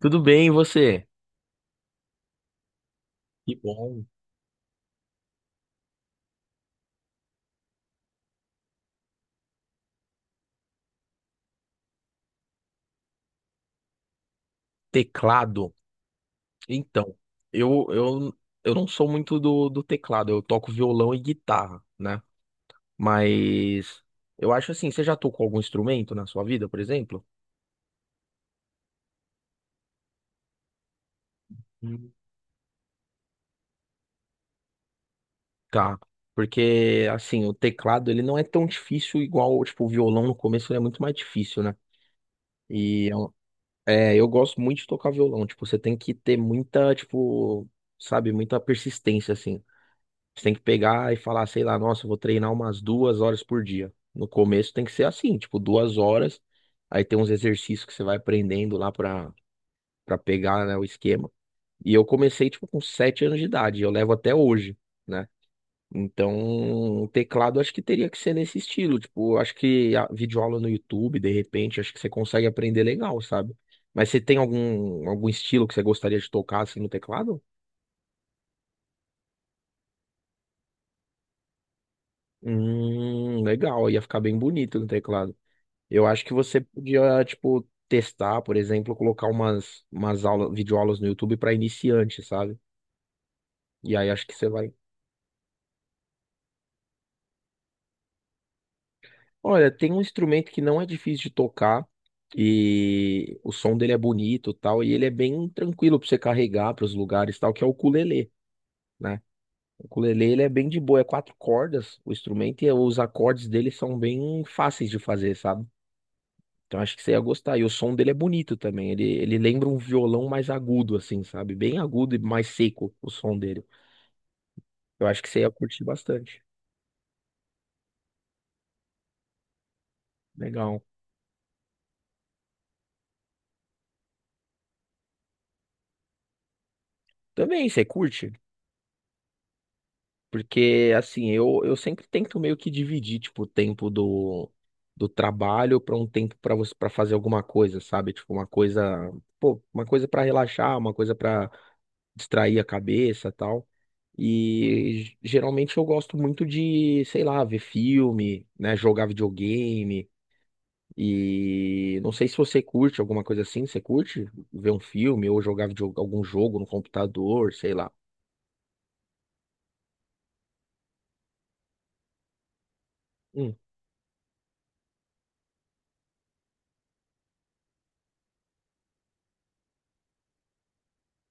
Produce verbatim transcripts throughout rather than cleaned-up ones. Tudo bem, e você? Que bom. Teclado. Então, eu, eu, eu não sou muito do, do teclado, eu toco violão e guitarra, né? Mas eu acho assim, você já tocou algum instrumento na sua vida, por exemplo? Hum. Tá. Porque, assim, o teclado, ele não é tão difícil igual, tipo, o violão no começo, ele é muito mais difícil, né? E é, um- é, eu gosto muito de tocar violão, tipo, você tem que ter muita, tipo, sabe, muita persistência, assim. Você tem que pegar e falar, sei lá, nossa, eu vou treinar umas duas horas por dia. No começo tem que ser assim, tipo, duas horas. Aí tem uns exercícios que você vai aprendendo lá pra, pra pegar, né, o esquema. E eu comecei, tipo, com sete anos de idade. Eu levo até hoje, né? Então, o teclado acho que teria que ser nesse estilo. Tipo, eu acho que a videoaula no YouTube, de repente, acho que você consegue aprender legal, sabe? Mas você tem algum, algum estilo que você gostaria de tocar assim no teclado? Hum, legal, ia ficar bem bonito no teclado. Eu acho que você podia, tipo, testar, por exemplo, colocar umas, umas aulas, videoaulas no YouTube para iniciante, sabe? E aí acho que você vai. Olha, tem um instrumento que não é difícil de tocar e o som dele é bonito, e tal, e ele é bem tranquilo para você carregar para os lugares, e tal, que é o ukulele, né? O ukulele ele é bem de boa, é quatro cordas o instrumento e os acordes dele são bem fáceis de fazer, sabe? Então acho que você ia gostar. E o som dele é bonito também. Ele, ele lembra um violão mais agudo, assim, sabe? Bem agudo e mais seco o som dele. Eu acho que você ia curtir bastante. Legal. Também você curte? Porque, assim, eu, eu sempre tento meio que dividir, tipo, o tempo do, do trabalho para um tempo para você para fazer alguma coisa, sabe? Tipo, uma coisa, pô, uma coisa para relaxar, uma coisa para distrair a cabeça, tal. E geralmente eu gosto muito de, sei lá, ver filme, né, jogar videogame. E não sei se você curte alguma coisa assim, você curte ver um filme ou jogar video- algum jogo no computador, sei lá. Hum,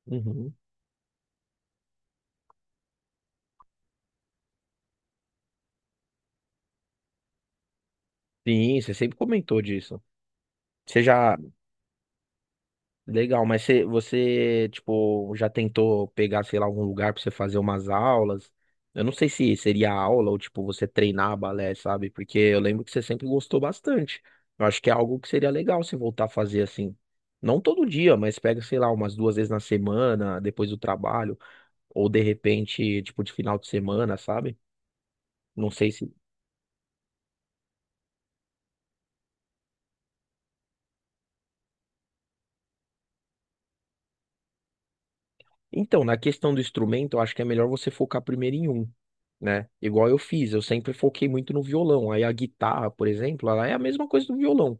uhum. Sim, você sempre comentou disso. Você já Legal, mas você, você, tipo, já tentou pegar, sei lá, algum lugar pra você fazer umas aulas? Eu não sei se seria aula ou, tipo, você treinar balé, sabe? Porque eu lembro que você sempre gostou bastante. Eu acho que é algo que seria legal você voltar a fazer assim. Não todo dia, mas pega, sei lá, umas duas vezes na semana, depois do trabalho, ou de repente, tipo, de final de semana, sabe? Não sei se. Então, na questão do instrumento, eu acho que é melhor você focar primeiro em um, né? Igual eu fiz, eu sempre foquei muito no violão. Aí a guitarra, por exemplo, ela é a mesma coisa do violão.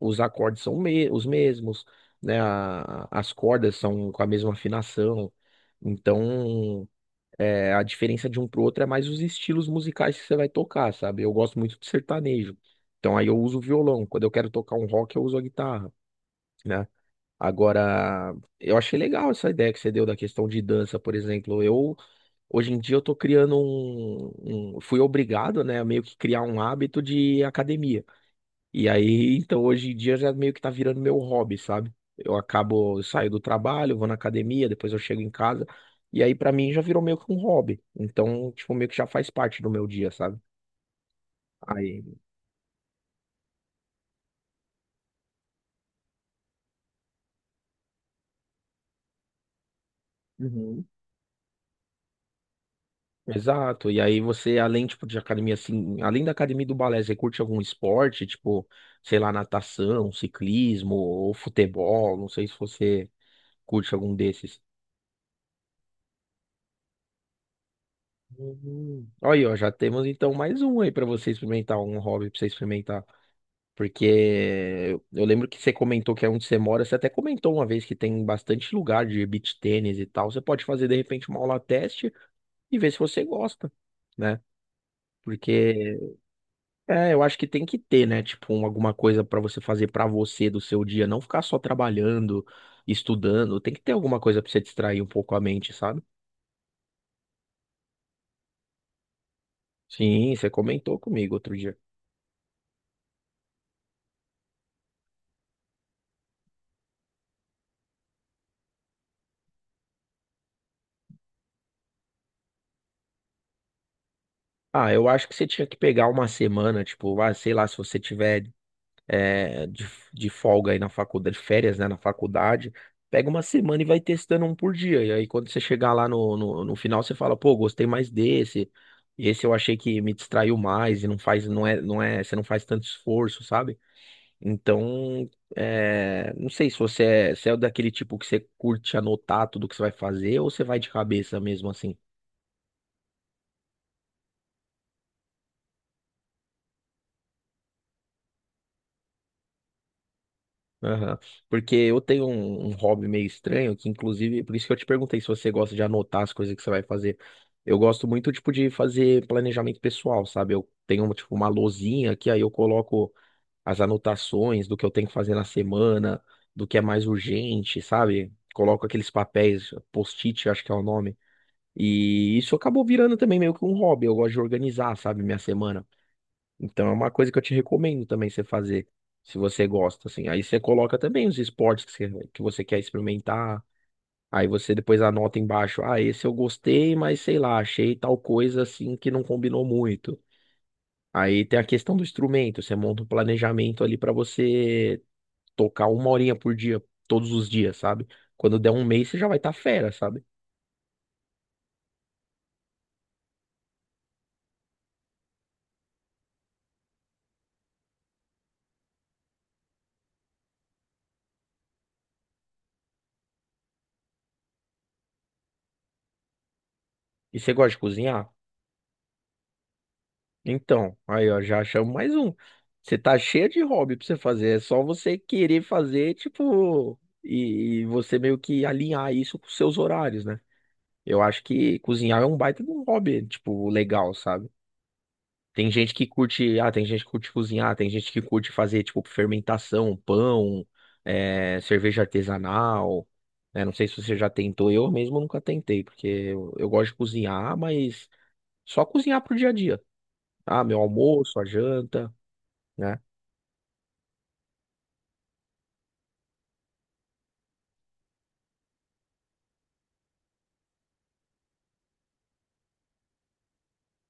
Os acordes são me- os mesmos, né? A- As cordas são com a mesma afinação. Então, é, a diferença de um pro outro é mais os estilos musicais que você vai tocar, sabe? Eu gosto muito de sertanejo. Então, aí eu uso o violão. Quando eu quero tocar um rock, eu uso a guitarra. Né? Agora, eu achei legal essa ideia que você deu da questão de dança, por exemplo. Eu, hoje em dia, eu tô criando um, um- fui obrigado, né, a meio que criar um hábito de academia. E aí, então, hoje em dia, já meio que tá virando meu hobby, sabe? Eu acabo, eu saio do trabalho, vou na academia, depois eu chego em casa. E aí, pra mim, já virou meio que um hobby. Então, tipo, meio que já faz parte do meu dia, sabe? Aí. Uhum. Exato. E aí você, além, tipo, de academia, assim, além da academia e do balé, você curte algum esporte, tipo, sei lá, natação, ciclismo ou futebol? Não sei se você curte algum desses. Uhum. Olha, ó, já temos então mais um aí pra você experimentar, um hobby pra você experimentar. Porque eu eu lembro que você comentou que é onde você mora, você até comentou uma vez que tem bastante lugar de beach tênis e tal. Você pode fazer de repente uma aula teste e ver se você gosta, né? Porque É, eu acho que tem que ter, né? Tipo, um- alguma coisa pra você fazer pra você do seu dia, não ficar só trabalhando, estudando. Tem que ter alguma coisa pra você distrair um pouco a mente, sabe? Sim, você comentou comigo outro dia. Ah, eu acho que você tinha que pegar uma semana, tipo, ah, sei lá, se você tiver é, de, de folga aí na faculdade, de férias, né, na faculdade. Pega uma semana e vai testando um por dia. E aí, quando você chegar lá no, no, no final, você fala, pô, gostei mais desse. Esse eu achei que me distraiu mais e não faz, não é, não é, você não faz tanto esforço, sabe? Então, é, não sei se você é, se é daquele tipo que você curte anotar tudo que você vai fazer ou você vai de cabeça mesmo assim. Aham. Porque eu tenho um, um hobby meio estranho, que inclusive, por isso que eu te perguntei se você gosta de anotar as coisas que você vai fazer. Eu gosto muito, tipo, de fazer planejamento pessoal, sabe? Eu tenho, tipo, uma lousinha que aí eu coloco as anotações do que eu tenho que fazer na semana, do que é mais urgente, sabe? Coloco aqueles papéis, post-it, acho que é o nome. E isso acabou virando também meio que um hobby. Eu gosto de organizar, sabe, minha semana. Então é uma coisa que eu te recomendo também você fazer, se você gosta, assim. Aí você coloca também os esportes que você, que você quer experimentar. Aí você depois anota embaixo, ah, esse eu gostei, mas sei lá, achei tal coisa assim que não combinou muito. Aí tem a questão do instrumento, você monta um planejamento ali pra você tocar uma horinha por dia, todos os dias, sabe? Quando der um mês, você já vai estar fera, sabe? E você gosta de cozinhar? Então, aí ó, já achamos mais um. Você tá cheio de hobby pra você fazer, é só você querer fazer, tipo, e, e você meio que alinhar isso com os seus horários, né? Eu acho que cozinhar é um baita de um hobby, tipo, legal, sabe? Tem gente que curte, ah, tem gente que curte cozinhar, tem gente que curte fazer, tipo, fermentação, pão, é, cerveja artesanal, né? Não sei se você já tentou, eu mesmo nunca tentei, porque eu, eu gosto de cozinhar, mas só cozinhar pro dia a dia. Ah, meu almoço, a janta, né?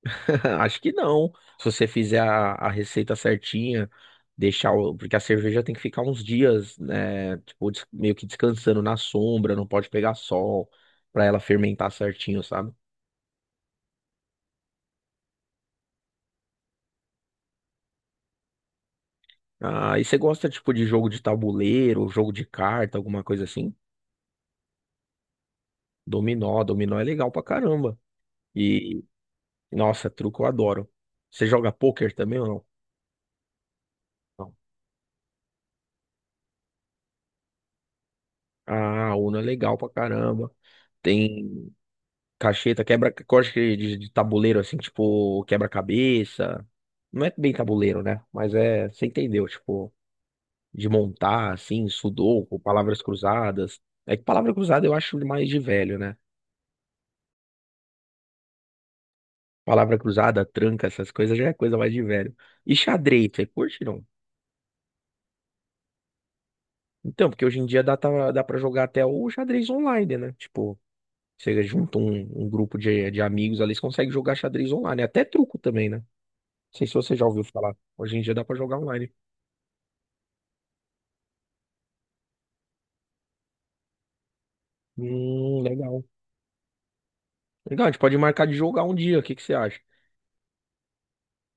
Acho que não. Se você fizer a, a receita certinha, deixar o, porque a cerveja tem que ficar uns dias, né, tipo, des- meio que descansando na sombra, não pode pegar sol pra ela fermentar certinho, sabe? Ah, e você gosta tipo de jogo de tabuleiro, jogo de carta, alguma coisa assim? Dominó, dominó é legal pra caramba. E nossa, truco eu adoro. Você joga pôquer também ou não? Não. Ah, Uno é legal pra caramba. Tem. Cacheta, quebra, corte de, de tabuleiro, assim, tipo, quebra-cabeça. Não é bem tabuleiro, né? Mas é, você entendeu, tipo, de montar, assim, sudoku, palavras cruzadas. É que palavra cruzada eu acho mais de velho, né? Palavra cruzada, tranca, essas coisas já é coisa mais de velho. E xadrez, você curte, não? Então, porque hoje em dia dá, tá- dá pra jogar até o xadrez online, né? Tipo, você junta um, um grupo de, de amigos ali, você consegue jogar xadrez online. Até truco também, né? Não sei se você já ouviu falar. Hoje em dia dá pra jogar online. Hum, legal. Legal, a gente pode marcar de jogar um dia, o que que você acha?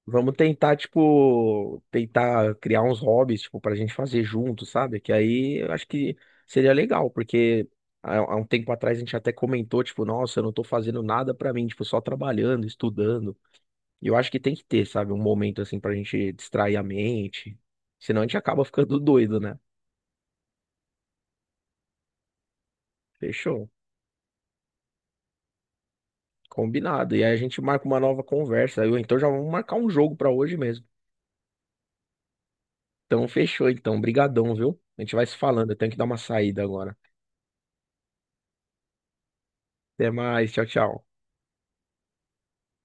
Vamos tentar, tipo, tentar criar uns hobbies, tipo, pra gente fazer junto, sabe? Que aí eu acho que seria legal, porque há, há um tempo atrás a gente até comentou, tipo, nossa, eu não tô fazendo nada pra mim, tipo, só trabalhando, estudando. E eu acho que tem que ter, sabe, um momento assim pra gente distrair a mente. Senão a gente acaba ficando doido, né? Fechou. Combinado. E aí a gente marca uma nova conversa. Eu, então já vamos marcar um jogo pra hoje mesmo. Então, fechou, então. Brigadão, viu? A gente vai se falando. Eu tenho que dar uma saída agora. Até mais. Tchau, tchau.